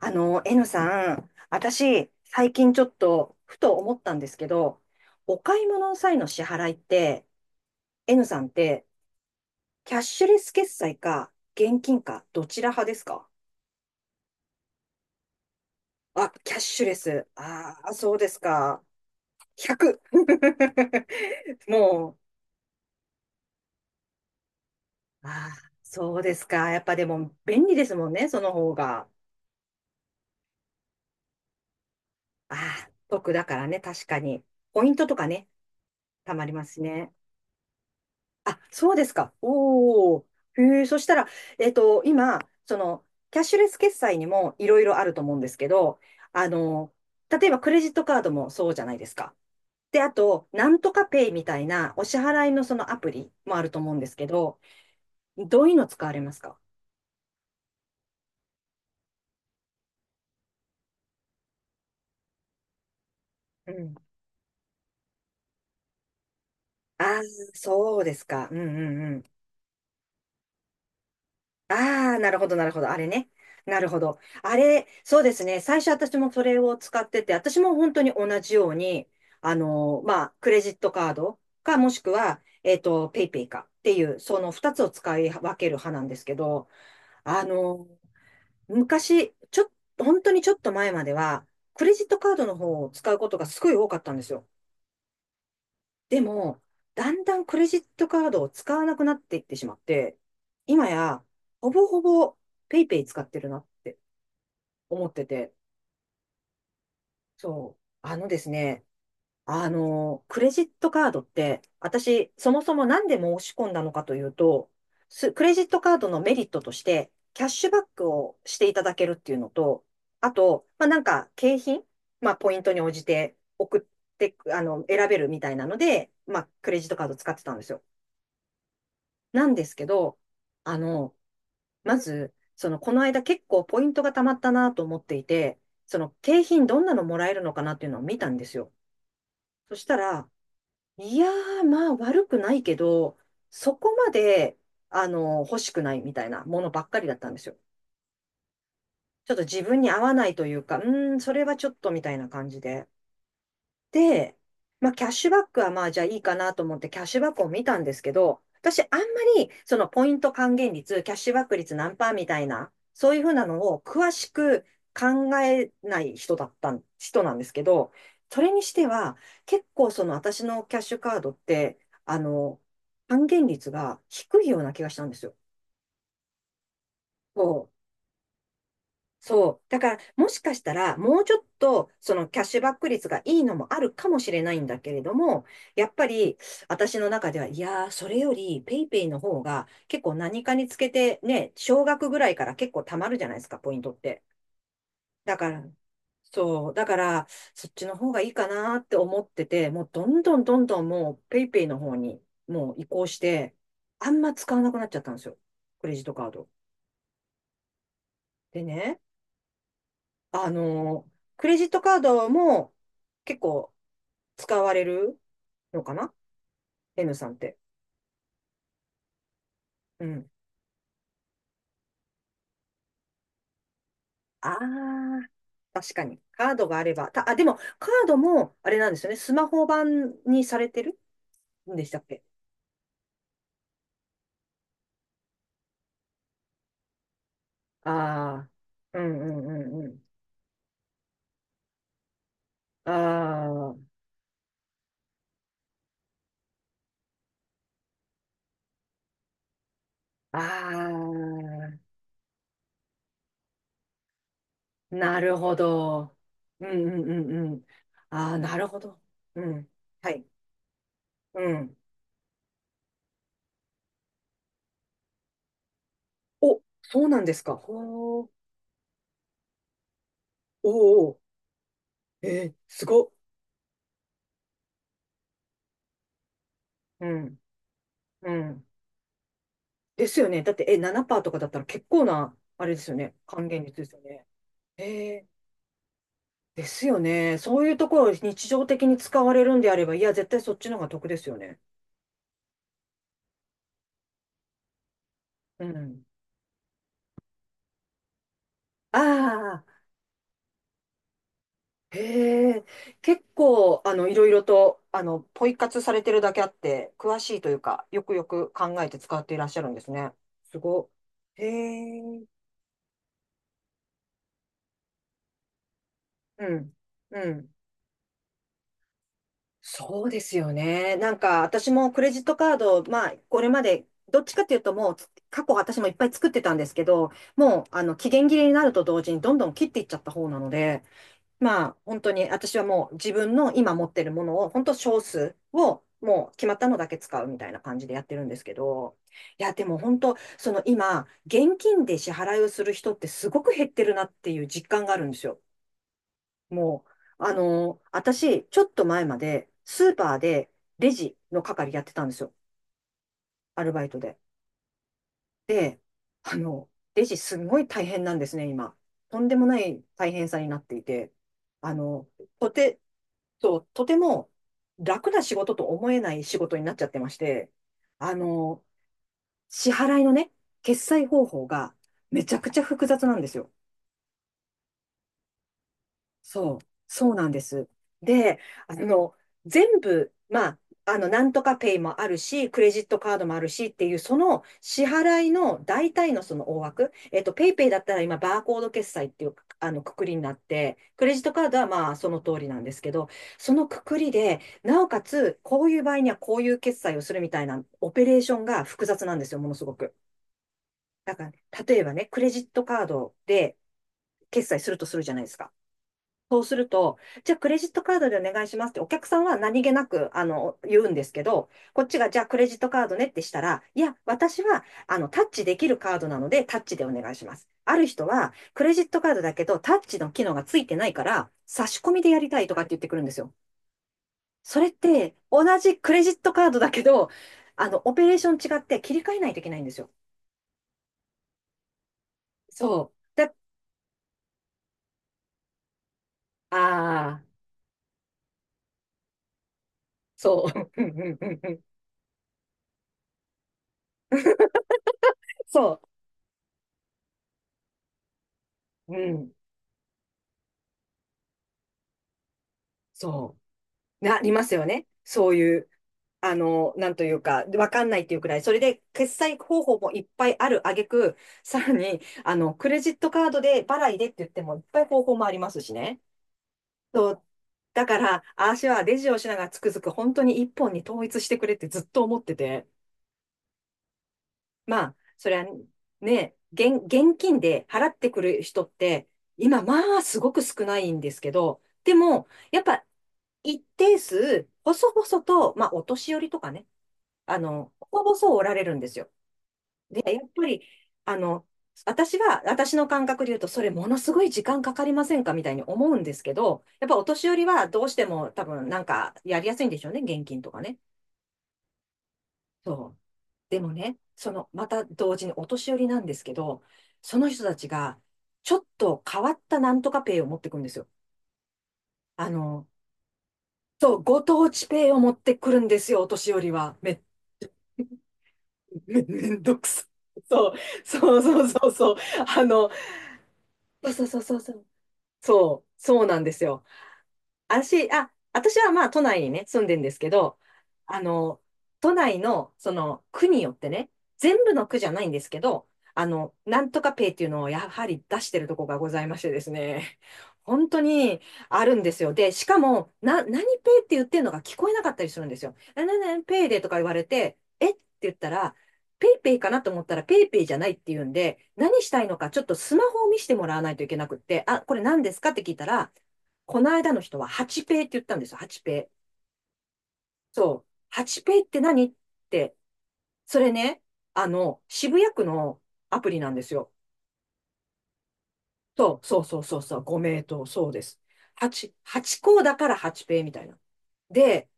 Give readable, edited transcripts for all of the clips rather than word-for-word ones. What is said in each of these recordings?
N さん、私、最近ちょっと、ふと思ったんですけど、お買い物の際の支払いって、N さんって、キャッシュレス決済か、現金か、どちら派ですか？あ、キャッシュレス。ああ、そうですか。100。もう、ああ、そうですか。やっぱでも、便利ですもんね、その方が。ああ、得だからね、確かに。ポイントとかね、たまりますしね。あ、そうですか。おお。へえ、そしたら、今、キャッシュレス決済にもいろいろあると思うんですけど、あの、例えばクレジットカードもそうじゃないですか。で、あと、なんとかペイみたいなお支払いのそのアプリもあると思うんですけど、どういうの使われますか？うん。ああ、そうですか。うんうん。ああ、なるほど、なるほど。あれね。なるほど。あれ、そうですね。最初私もそれを使ってて、私も本当に同じように、まあ、クレジットカードか、もしくは、ペイペイかっていう、その二つを使い分ける派なんですけど、あのー昔、ちょっ、本当にちょっと前までは、クレジットカードの方を使うことがすごい多かったんですよ。でも、だんだんクレジットカードを使わなくなっていってしまって、今や、ほぼほぼペイペイ使ってるなって思ってて、そう。あのですね、クレジットカードって、私、そもそもなんで申し込んだのかというと、クレジットカードのメリットとして、キャッシュバックをしていただけるっていうのと、あと、まあ、なんか、景品、まあ、ポイントに応じて送って、選べるみたいなので、まあ、クレジットカード使ってたんですよ。なんですけど、あの、まず、この間結構ポイントがたまったなと思っていて、景品どんなのもらえるのかなっていうのを見たんですよ。そしたら、いやー、まあ悪くないけど、そこまで、欲しくないみたいなものばっかりだったんですよ。ちょっと自分に合わないというか、それはちょっとみたいな感じで。で、まあ、キャッシュバックはまあ、じゃあいいかなと思って、キャッシュバックを見たんですけど、私、あんまり、そのポイント還元率、キャッシュバック率何パーみたいな、そういうふうなのを詳しく考えない人だったん、人なんですけど、それにしては、結構その私のキャッシュカードって、あの、還元率が低いような気がしたんですよ。そう。だから、もしかしたら、もうちょっと、そのキャッシュバック率がいいのもあるかもしれないんだけれども、やっぱり、私の中では、いやー、それより、ペイペイの方が、結構何かにつけて、ね、少額ぐらいから結構貯まるじゃないですか、ポイントって。だから、そう。だから、そっちの方がいいかなって思ってて、もうどんどんどんどんもう、ペイペイの方に、もう移行して、あんま使わなくなっちゃったんですよ。クレジットカード。でね、あの、クレジットカードも結構使われるのかな ?N さんって。うん。ああ、確かに。カードがあれば。でも、カードも、あれなんですよね。スマホ版にされてるんでしたっけ？ああー、うんうんうんうん。ああ、ああ、なるほど。うんうんうんうん。ああ、なるほど。うん。はい。うん。お、そうなんですか。ほう。おーおー。えー、すごっ。うん。うん。ですよね。だって、え、7%とかだったら結構な、あれですよね。還元率ですよね。えー、ですよね。そういうところを日常的に使われるんであれば、いや、絶対そっちの方が得ですよね。うん。ああ、へえ。結構、いろいろと、ポイ活されてるだけあって、詳しいというか、よくよく考えて使っていらっしゃるんですね。すごっ。へえ。うん。うん。そうですよね。なんか私もクレジットカード、まあこれまでどっちかっていうともうつ過去私もいっぱい作ってたんですけど、もう期限切れになると同時にどんどん切っていっちゃった方なので、まあ本当に私はもう自分の今持ってるものを本当少数をもう決まったのだけ使うみたいな感じでやってるんですけど、いやでも本当その今現金で支払いをする人ってすごく減ってるなっていう実感があるんですよ。もう、私、ちょっと前まで、スーパーでレジの係やってたんですよ。アルバイトで。で、あの、レジすごい大変なんですね、今。とんでもない大変さになっていて、あの、とて、そう、とても楽な仕事と思えない仕事になっちゃってまして、あの、支払いのね、決済方法がめちゃくちゃ複雑なんですよ。そう、そうなんです。で、あの、全部、まあ、なんとかペイもあるし、クレジットカードもあるしっていう、その支払いの大体のその大枠、ペイペイだったら今、バーコード決済っていう、くくりになって、クレジットカードはまあ、その通りなんですけど、そのくくりで、なおかつ、こういう場合にはこういう決済をするみたいな、オペレーションが複雑なんですよ、ものすごく。だから、例えばね、クレジットカードで決済するとするじゃないですか。そうすると、じゃあクレジットカードでお願いしますって、お客さんは何気なく、言うんですけど、こっちが、じゃあクレジットカードねってしたら、いや、私は、タッチできるカードなので、タッチでお願いします。ある人は、クレジットカードだけど、タッチの機能がついてないから、差し込みでやりたいとかって言ってくるんですよ。それって、同じクレジットカードだけど、オペレーション違って切り替えないといけないんですよ。そう。ああ、そう。そう。うん。そう。りますよね。そういう、なんというか、わかんないっていうくらい。それで、決済方法もいっぱいある挙句、さらに、クレジットカードで払いでって言っても、いっぱい方法もありますしね。そう。だから、あーしはレジをしながらつくづく本当に一本に統一してくれってずっと思ってて。まあ、それはね、現金で払ってくる人って、今、まあ、すごく少ないんですけど、でも、やっぱ、一定数、細々と、まあ、お年寄りとかね、細々おられるんですよ。で、やっぱり、あの、私の感覚で言うと、それものすごい時間かかりませんかみたいに思うんですけど、やっぱお年寄りはどうしても多分なんかやりやすいんでしょうね、現金とかね。そう。でもね、また同時にお年寄りなんですけど、その人たちが、ちょっと変わったなんとかペイを持ってくるんですよ。あの、そう、ご当地ペイを持ってくるんですよ、お年寄りは。めんどくさい。そう、そうそうそうそう。あの、そうそうそうそうそう。そう、そうなんですよ。私はまあ都内にね、住んでんですけど、あの、都内のその区によってね、全部の区じゃないんですけど、なんとかペイっていうのをやはり出してるとこがございましてですね、本当にあるんですよ。で、しかも、何ペイって言ってるのが聞こえなかったりするんですよ。な、な、な、ペイでとか言われて、えって言ったら、ペイペイかなと思ったらペイペイじゃないって言うんで、何したいのかちょっとスマホを見せてもらわないといけなくって、あ、これ何ですかって聞いたら、この間の人は8ペイって言ったんですよ、8ペイ。そう。8ペイって何って、それね、渋谷区のアプリなんですよ。そう、そうそうそうそう、ご名答、そうです。8校だから8ペイみたいな。で、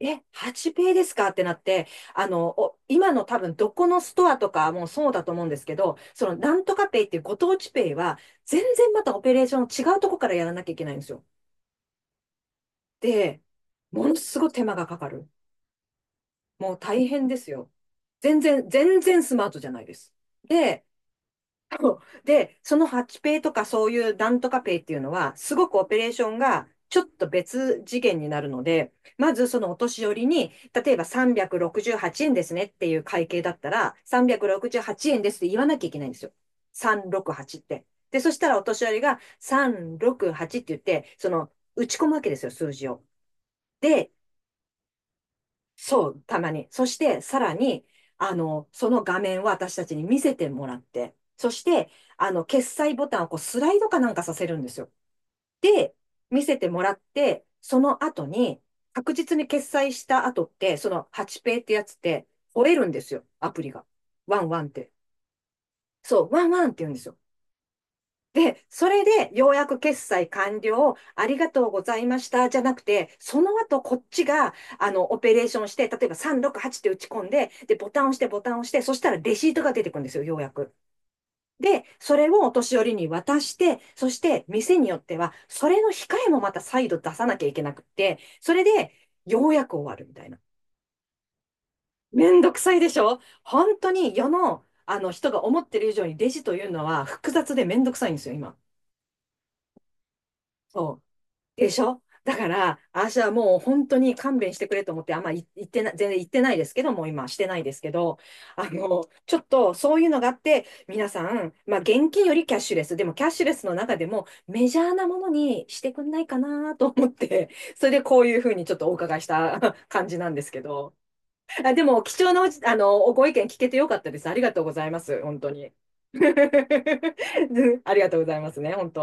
え、8ペイですかってなって、お今の多分どこのストアとかもそうだと思うんですけど、そのなんとかペイっていうご当地ペイは、全然またオペレーション違うとこからやらなきゃいけないんですよ。で、ものすごい手間がかかる。もう大変ですよ。全然、全然スマートじゃないです。で、で、その8ペイとかそういうなんとかペイっていうのは、すごくオペレーションがちょっと別次元になるので、まずそのお年寄りに、例えば368円ですねっていう会計だったら、368円ですって言わなきゃいけないんですよ。368って。で、そしたらお年寄りが368って言って、その打ち込むわけですよ、数字を。で、そう、たまに。そして、さらに、その画面を私たちに見せてもらって、そして、決済ボタンをこうスライドかなんかさせるんですよ。で、見せてもらって、その後に、確実に決済した後って、その8ペイってやつって、吠えるんですよ、アプリが。ワンワンって。そう、ワンワンって言うんですよ。で、それで、ようやく決済完了、ありがとうございました、じゃなくて、その後、こっちが、オペレーションして、例えば368って打ち込んで、で、ボタンを押して、ボタンを押して、そしたらレシートが出てくるんですよ、ようやく。で、それをお年寄りに渡して、そして、店によっては、それの控えもまた再度出さなきゃいけなくって、それで、ようやく終わるみたいな。めんどくさいでしょ、本当に世の、あの人が思ってる以上にレジというのは複雑でめんどくさいんですよ、今。そうでしょ、だから、私はもう本当に勘弁してくれと思って、あんまい言ってな、全然言ってないですけど、もう今してないですけど、ちょっとそういうのがあって、皆さん、まあ現金よりキャッシュレス、でもキャッシュレスの中でもメジャーなものにしてくんないかなと思って、それでこういうふうにちょっとお伺いした 感じなんですけど、あ、でも貴重なおじ、あの、ご意見聞けてよかったです。ありがとうございます。本当に。ありがとうございますね、本当。